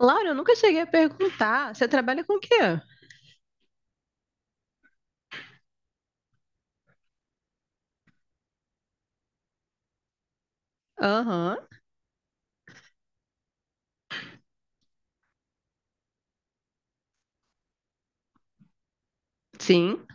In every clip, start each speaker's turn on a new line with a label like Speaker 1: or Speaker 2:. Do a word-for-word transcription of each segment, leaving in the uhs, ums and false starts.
Speaker 1: Laura, eu nunca cheguei a perguntar. Você trabalha com o quê? Aham, sim.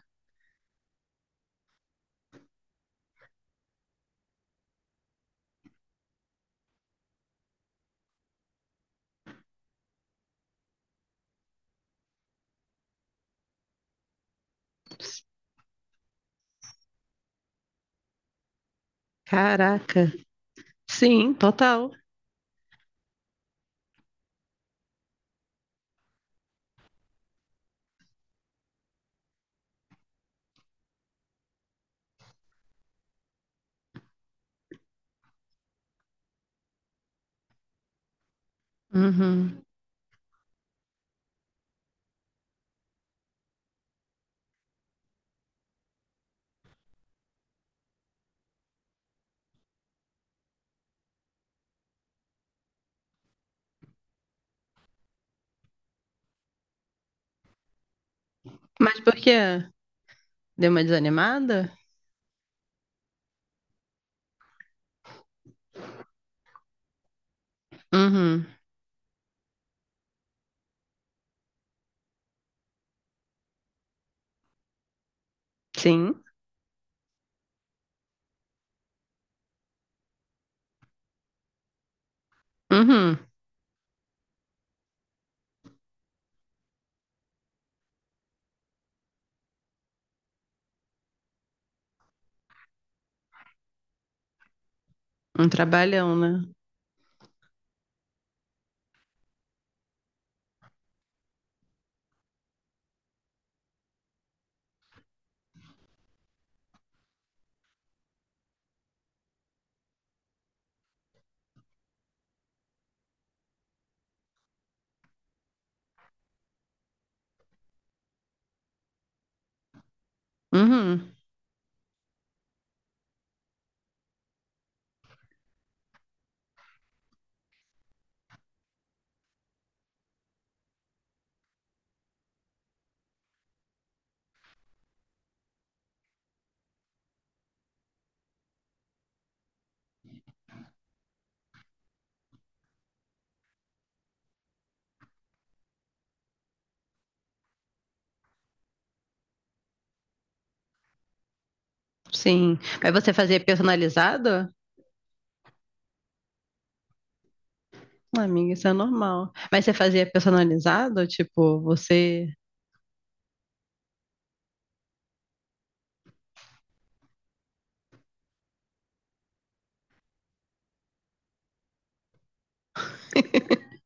Speaker 1: Caraca. Sim, total. Uhum. Mas por quê? Deu uma desanimada? Uhum. Sim. Uhum. Um trabalhão, né? Uhum. Sim. Mas você fazia personalizado? Amiga, isso é normal. Mas você fazia personalizado? Tipo, você.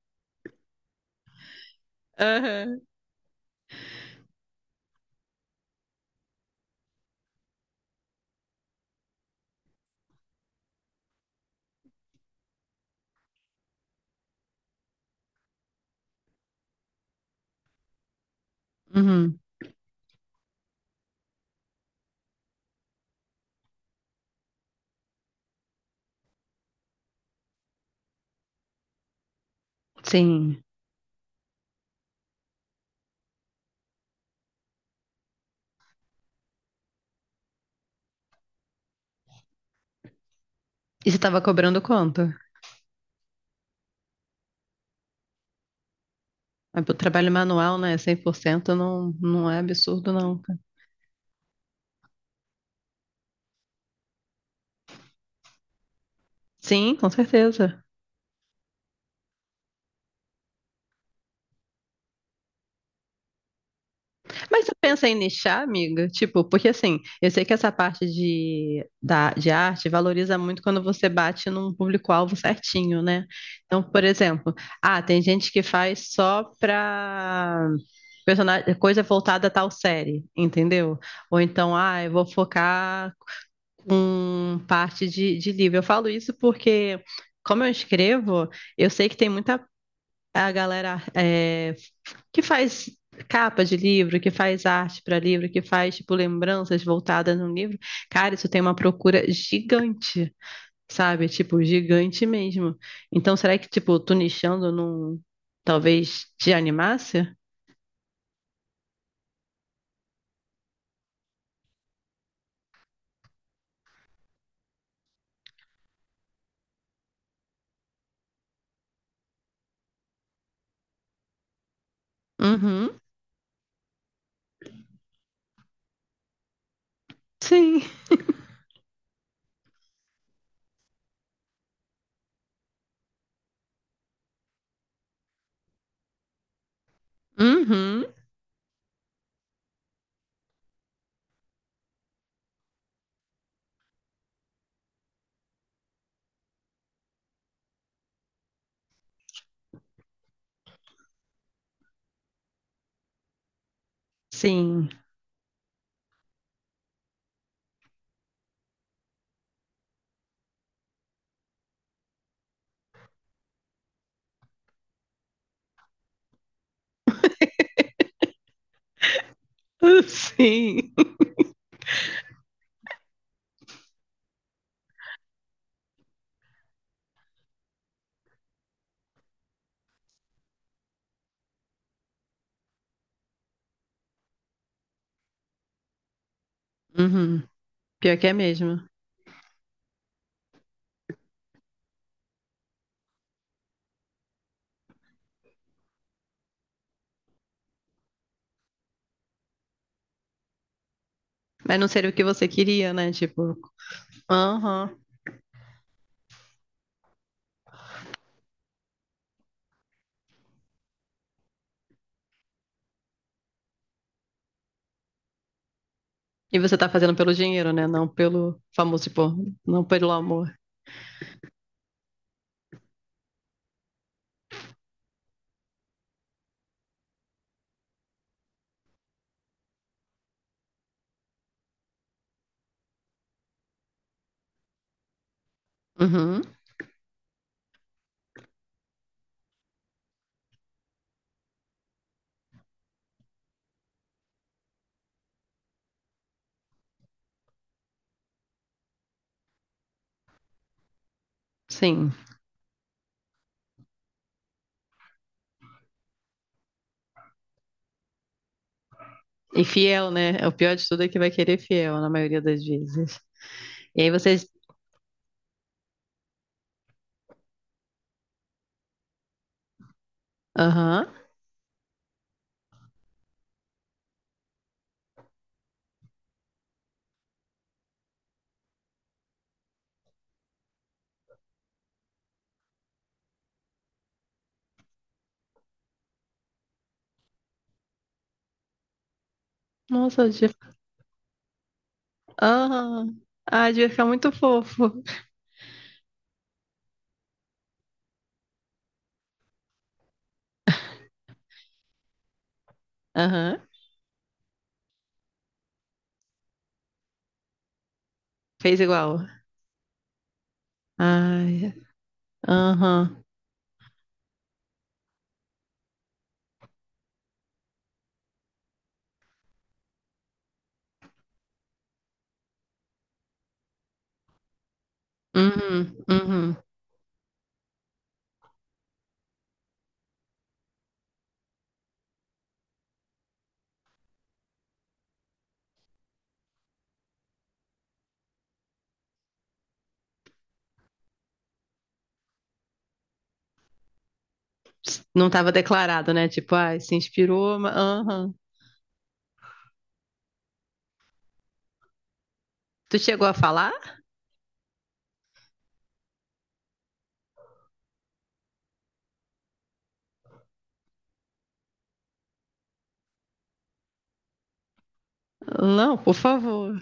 Speaker 1: Aham. Uhum. Sim. E você tava cobrando quanto? Mas pro trabalho manual, né? Cem por cento não, não é absurdo, não. Cara. Sim, com certeza. Mas você pensa em nichar, amiga? Tipo, porque assim, eu sei que essa parte de, da, de arte valoriza muito quando você bate num público-alvo certinho, né? Então, por exemplo, ah, tem gente que faz só pra personagem, coisa voltada a tal série, entendeu? Ou então, ah, eu vou focar com parte de, de livro. Eu falo isso porque, como eu escrevo, eu sei que tem muita. É a galera é, que faz capa de livro, que faz arte para livro, que faz tipo lembranças voltadas no livro, cara, isso tem uma procura gigante, sabe? Tipo, gigante mesmo. Então, será que tipo tu nichando não talvez te animasse? Uhum. Sim. Uhum. Sim. Sim. Uhum. Pior que é mesmo. Mas não seria o que você queria, né? Tipo, aham. E você tá fazendo pelo dinheiro, né? Não pelo famoso, tipo, não pelo amor. Uhum, sim. E fiel, né? É, o pior de tudo é que vai querer fiel na maioria das vezes. E aí vocês. Aham. Nossa, devia. Aham. Ah, devia ficar muito fofo. Aham. Fez igual. Ai. Aham. Uhum. Uhum. Não tava declarado, né? Tipo, ai, se inspirou, mas. Aham. Tu chegou a falar? Não, por favor.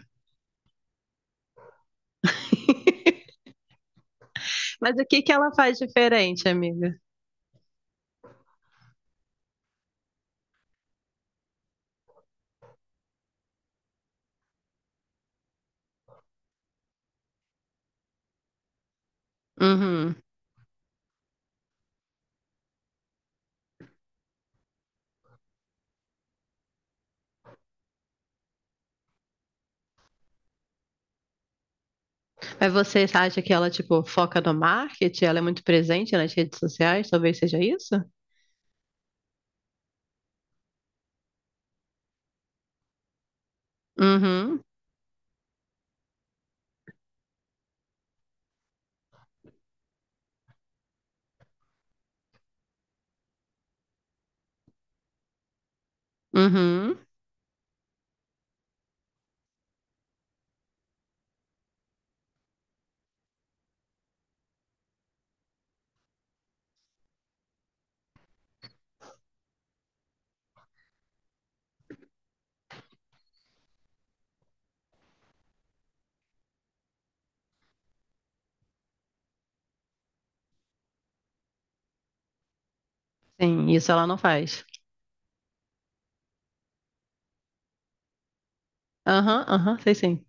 Speaker 1: Mas o que que ela faz diferente, amiga? Uhum. Mas você acha que ela, tipo, foca no marketing? Ela é muito presente nas redes sociais? Talvez seja isso? Uhum, uhum. Sim, isso ela não faz. Aham, aham, sei sim.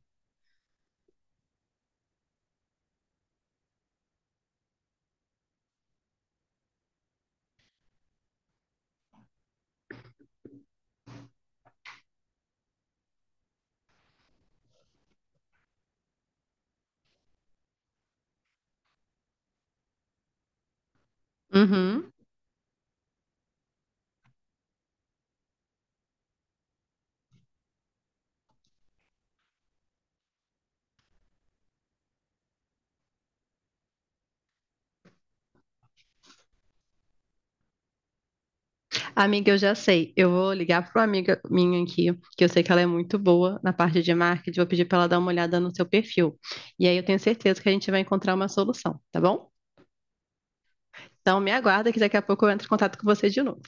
Speaker 1: Uhum. Amiga, eu já sei. Eu vou ligar para uma amiga minha aqui, que eu sei que ela é muito boa na parte de marketing. Vou pedir para ela dar uma olhada no seu perfil. E aí eu tenho certeza que a gente vai encontrar uma solução, tá bom? Então me aguarda que daqui a pouco eu entro em contato com você de novo.